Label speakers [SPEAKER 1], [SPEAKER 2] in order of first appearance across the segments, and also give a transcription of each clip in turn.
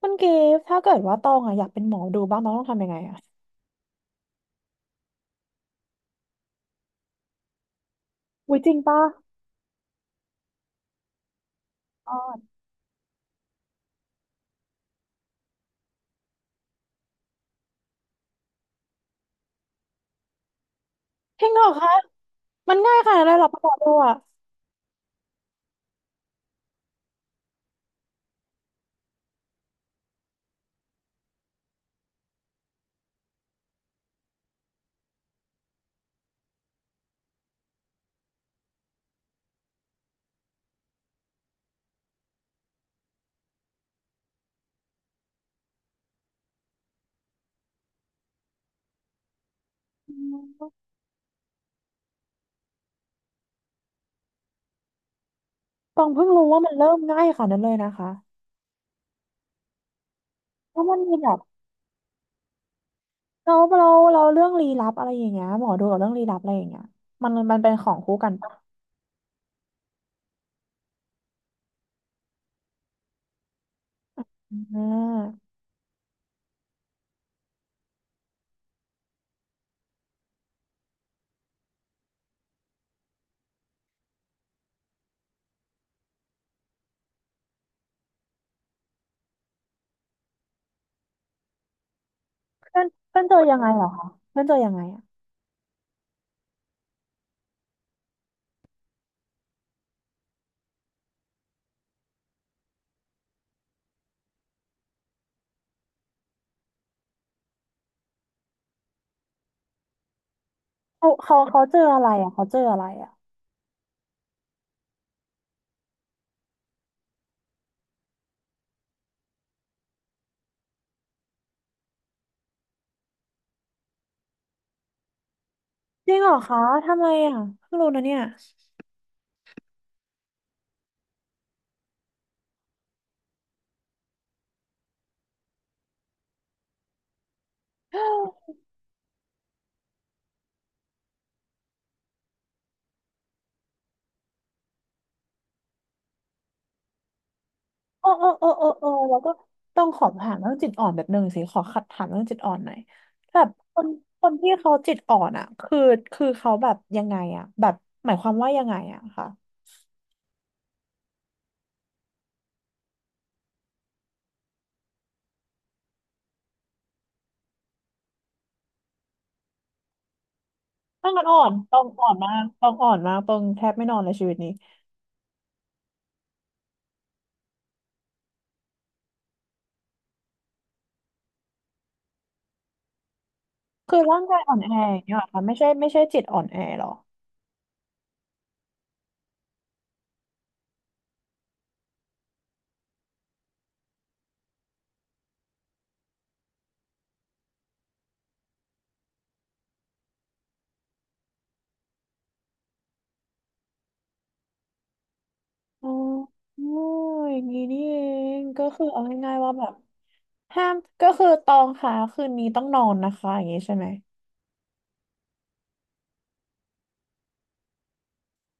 [SPEAKER 1] คุณกิฟต์ถ้าเกิดว่าตองอะอยากเป็นหมอดูบ้างตองต้องทำยังไงอะอุ้ยจริงปะออดจริงเหรอคะมันง่ายขนาดนั้นเลยเหรอหมอดูอะอืมตองเพิ่งรู้ว่ามันเริ่มง่ายขนาดนั้นเลยนะคะเพราะมันมีแบบเราเรื่องลี้ลับอะไรอย่างเงี้ยหมอดูกับเรื่องลี้ลับอะไรอย่างเงี้ยมันเป็นของคู่กันปะอ่าเพื่อนเพื่อนเจอยังไงเหรอคะเพื่อนเจอยังไงอะเขาเจออะไรอะเขาเจออะไรอะจริงเหรอคะทำไมอะเพิ่งรู้นะเนี่ย โอ้โอ้โอ้โอ้โอ้แล้วก็ต้องขอถามเรื่องจิตอ่อนแบบหนึ่งสิขอขัดถามเรื่องจิตอ่อนหน่อยแบบคนคนที่เขาจิตอ่อนอ่ะคือคือเขาแบบยังไงอ่ะแบบหมายความว่ายังไงอ่ะค่ะต้องกันอ่อนต้องอ่อนมากต้องอ่อนมากต้องแทบไม่นอนเลยชีวิตนี้คือร่างกายอ่อนแออย่างเงี้ยเหรอค่ะไม่ใช่ไม่ใช่จิตอ่อนแอหรออ๋ออย่างงี้นี่เองก็คือเอาง่ายๆว่าแบบห้ามก็คือตองค่ะคืนนี้ต้องนอนนะคะอย่างงี้ใช่ไหม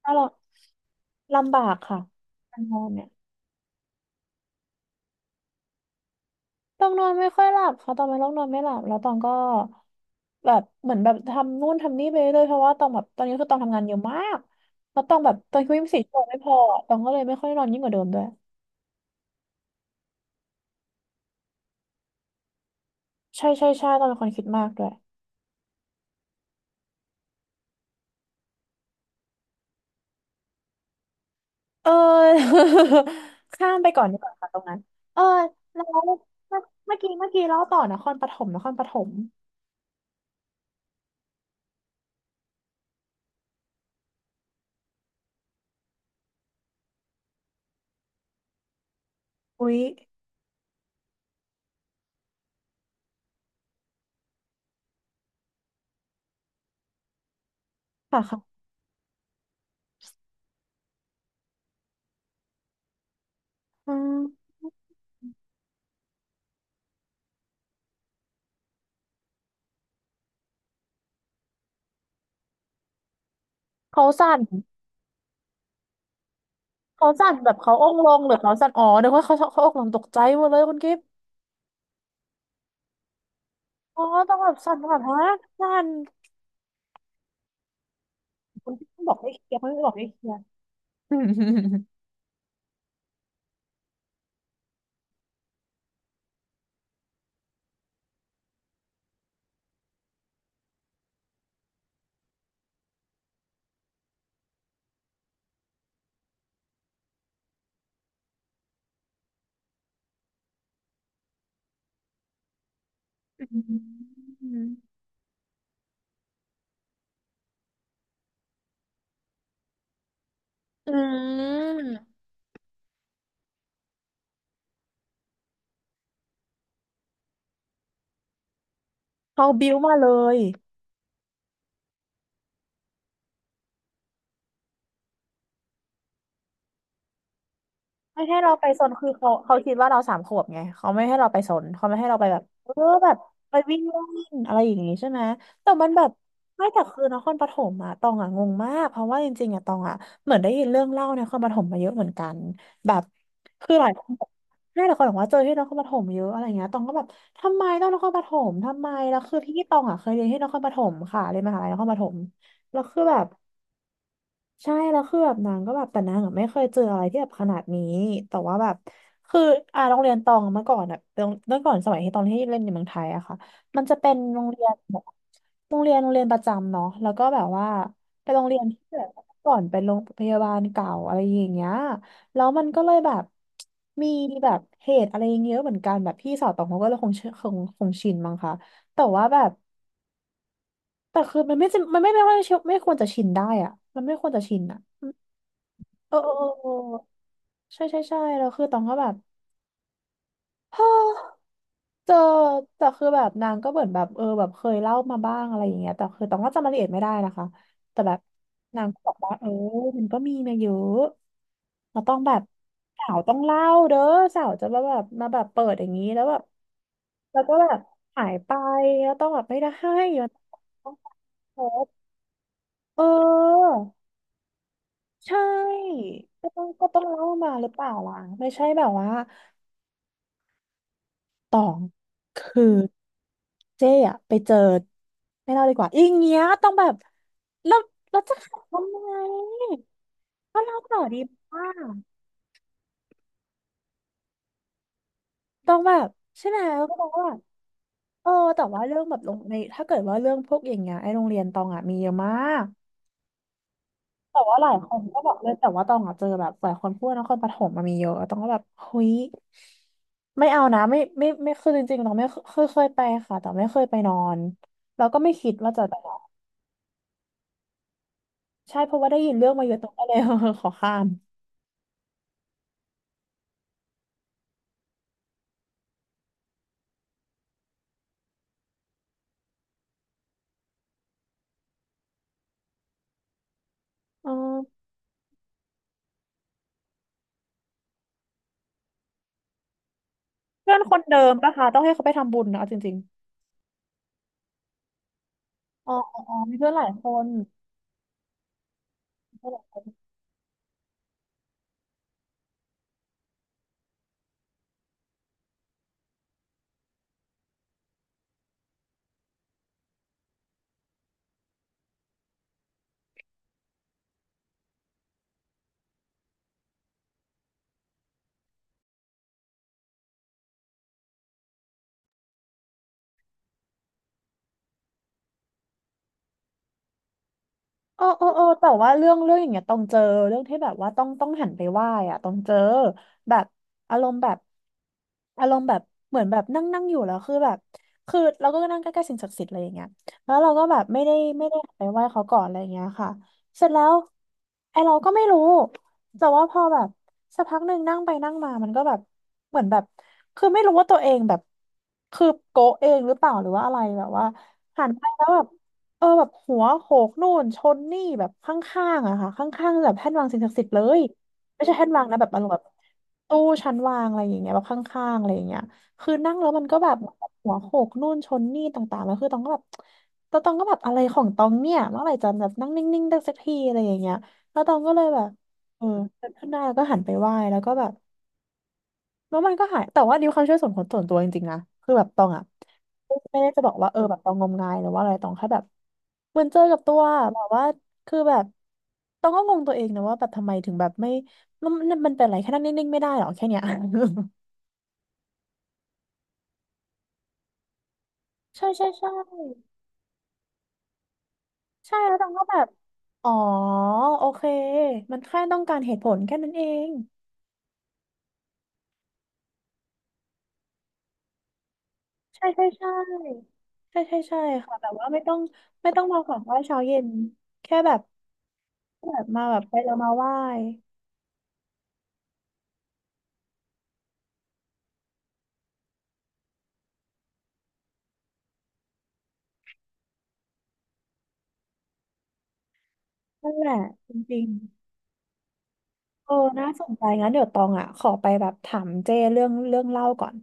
[SPEAKER 1] ถ้าเราลำบากค่ะการนอนเนี่ยต้องนอนไม่ค่อยหลับค่ะตองเป็นโรคนอนไม่หลับแล้วตองก็แบบเหมือนแบบทำนู่นทำนี่ไปเรื่อยเพราะว่าตองแบบตอนนี้คือตองทำงานเยอะมากแล้วตองแบบตอนคือ24 ชั่วโมงไม่พอตองก็เลยไม่ค่อยนอนยิ่งกว่าเดิมด้วยใช่ใช่ใช่ตองเป็นคนคิดมากด้วยเออ ข้ามไปก่อนดีกว่าค่ะตรงนั้นเออแล้วเมื่อเมื่อกี้เล่าต่อนครปฐมอุ๊ยค่ะค่ะอืมเขาสั่น เขาสั่นแบบเขาองค์ลงหรือเขาสั่นอ๋อเดี๋ยวเขาอกลงตกใจหมดเลยคุณกิฟต์อ๋อต้องแบบสั่นแบบฮะสั่นคุณกิฟต์บอกให้เคลียร์เขาไม่บอกให้เคลียร์อืมอืมเขาบิ้วมาเลย ไม่ให้เราไปซนคือเขาคิดว่าเราสามขวบไงเขาไม่ให้เราไปซนเขาไม่ให้เราไปแบบเออแบบไปวิ่งเล่นอะไรอย่างงี้ใช่ไหมแต่มันแบบไม่แต่คือนครปฐมอะตองอะงงมากเพราะว่าจริงๆอะตองอะเหมือนได้ยินเรื่องเล่าในนครปฐมมาเยอะเหมือนกันแบบคือหลายคนบอกให้หลายคนบอกว่าเจอที่นครปฐมเยอะอะไรเงี้ยตองก็แบบทำไมต้องนครปฐมทำไมแล้วคือที่ตองอะเคยเรียนที่นครปฐมค่ะเรียนมหาลัยนครปฐมแล้วคือแบบ ใช่แล้วคือแบบนางก็แบบแต่นางอะไม่เคยเจออะไรที่แบบขนาดนี้แต่ว่าแบบคืออ่าโรงเรียนตองอะเมื่อก่อนอะตองเมื่อก่อนสมัยที่ตองที่เล่นในเมืองไทยอะค่ะมันจะเป็นโรงเรียนแบบโรงเรียนประจำเนาะแล้วก็แบบว่าเป็นโรงเรียนที่แบบเมื่อก่อนเป็นโรงพยาบาลเก่าอะไรอย่างเงี้ยแล้วมันก็เลยแบบมีแบบเหตุอะไรอย่างเงี้ยเยอะเหมือนกันแบบพี่สาวตองเขาก็เลยคงชินมั้งคะแต่ว่าแบบแต่คือมันไม่จำมันไม่ไม่ว่าไม่ควรจะชินได้อะมันไม่ควรจะชินอะ เออเออเออใช่ใช่ใช่แล้วคือตองก็แบบเจอแต่คือแบบนางก็เหมือนแบบเออแบบเคยเล่ามาบ้างอะไรอย่างเงี้ยแต่คือตองก็จำรายละเอียดไม่ได้นะคะแต่แบบนางก็บอกว่าเออมันก็มีมาเยอะเราต้องแบบสาวต้องเล่าเด้อสาวจะมาแบบมาแบบเปิดอย่างนี้แล้วแบบแล้วก็แบบหายไปแล้วต้องแบบไม่ได้ให้มันต้องพบเออใช่ก็ต้องก็ต้องเล่ามาหรือเปล่าล่ะไม่ใช่แบบว่า ตองคือเจ๊อะไปเจอไม่เล่าดีกว่าอย่างเงี้ยต้องแบบเราเราจะขับทำไมก็เล่าต่อดีป่ะต้องแบบใช่ไหมก็บอกว่าเออแต่ว่าเรื่องแบบลงในถ้าเกิดว่าเรื่องพวกอย่างเงี้ยไอ้โรงเรียนตองอ่ะมีเยอะมากแต่ว่าหลายคนก็บอกเลยแต่ว่าตองอ่ะเจอแบบหลายคนพูดว่านครปฐมมันมีเยอะตองก็แบบเฮ้ยไม่เอานะไม่ไม่ไม่คือจริงๆตองไม่เคยไปค่ะแต่ไม่เคยไปนอนแล้วก็ไม่คิดว่าจะไป ใช่เพราะว่าได้ยินเรื่องมาเยอะตรงก็เลย ขอข้ามอ๋อเพื่อนคนเดิมปะคะต้องให้เขาไปทำบุญนะเอาจริงๆอ๋ออ๋ออ๋อมีเพื่อนหลายคน โอ้โอ้โอ้แต่ว่าเรื่องอย่างเงี้ยต้องเจอเรื่องที่แบบว่าต้องหันไปไหว้อะต้องเจอแบบอารมณ์แบบอารมณ์แบบเหมือนแบบนั่งนั่งอยู่แล้วคือแบบคือเราก็นั่งใกล้ๆสิ่งศักดิ์สิทธิ์อะไรอย่างเงี้ยแล้วเราก็แบบไม่ได้หันไปไหว้เขาก่อนอะไรอย่างเงี้ยค่ะเสร็จแล้วไอเราก็ไม่รู้แต่ว่าพอแบบสักพักหนึ่งนั่งไปนั่งมามันก็แบบเหมือนแบบคือไม่รู้ว่าตัวเองแบบคือโกะเองหรือเปล่าหรือว่าอะไรแบบว่าหันไปแล้วแบบ เออแบบหัวโขกนู่นชนนี่แบบข้างๆอะค่ะข้างๆแบบแท่นวางสิ่งศักดิ์สิทธิ์เลยไม่ใช่แท่นวางนะแบบอารมณ์แบบตู้ชั้นวางอะไรอย่างเงี้ยแบบข้างๆอะไรอย่างเงี้ยคือนั่งแล้วมันก็แบบหัวโขกนู่นชนนี่ต่างๆแล้วคือตองก็แบบตองก็แบบอะไรของตองเนี่ยเมื่อไหร่จะแบบนั่งนิ่งๆได้สักทีอะไรอย่างเงี้ยแล้วตองก็เลยแบบเออเดินขึ้นได้แล้วก็หันไปไหว้แล้วก็แบบ แล้วมันก็หายแต่ว่านิวความเชื่อส่วนขส่วนตัวจริงๆนะคือแบบตองอ่ะไม่ได้จะบอกว่าเออแบบตองงมงายหรือว่าอะไรตองแค่แบบเหมือนเจอกับตัวแบบว่าคือแบบตองก็งงตัวเองนะว่าแบบทำไมถึงแบบไม่มันเป็นอะไรแค่นั่งนิ่งๆไม่ได้หรอแค่เนี้ย ใช่ใช่ใช่ใช่แล้วตองก็แบบอ๋อโอเคมันแค่ต้องการเหตุผลแค่นั้นเองใช่ใช่ใช่ใช่ใช่ใช่ค่ะแบบว่าไม่ต้องมาขอไหว้เช้าเย็นแค่แบบแบบมาแบบไปเรามาไหว้ นั่นแหละจริงๆเออน่าสนใจงั้นเดี๋ยวตองอ่ะขอไปแบบถามเจ้เรื่องเรื่องเล่าก่อน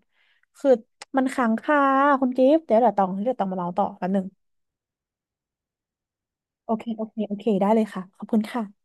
[SPEAKER 1] คือมันค้างคาคุณกิฟต์เดี๋ยวเดี๋ยวตองเดี๋ยวตองมาเล่าต่อแป๊บนึงโอเคโอเคโอเคได้เลยค่ะขอบคุณค่ะ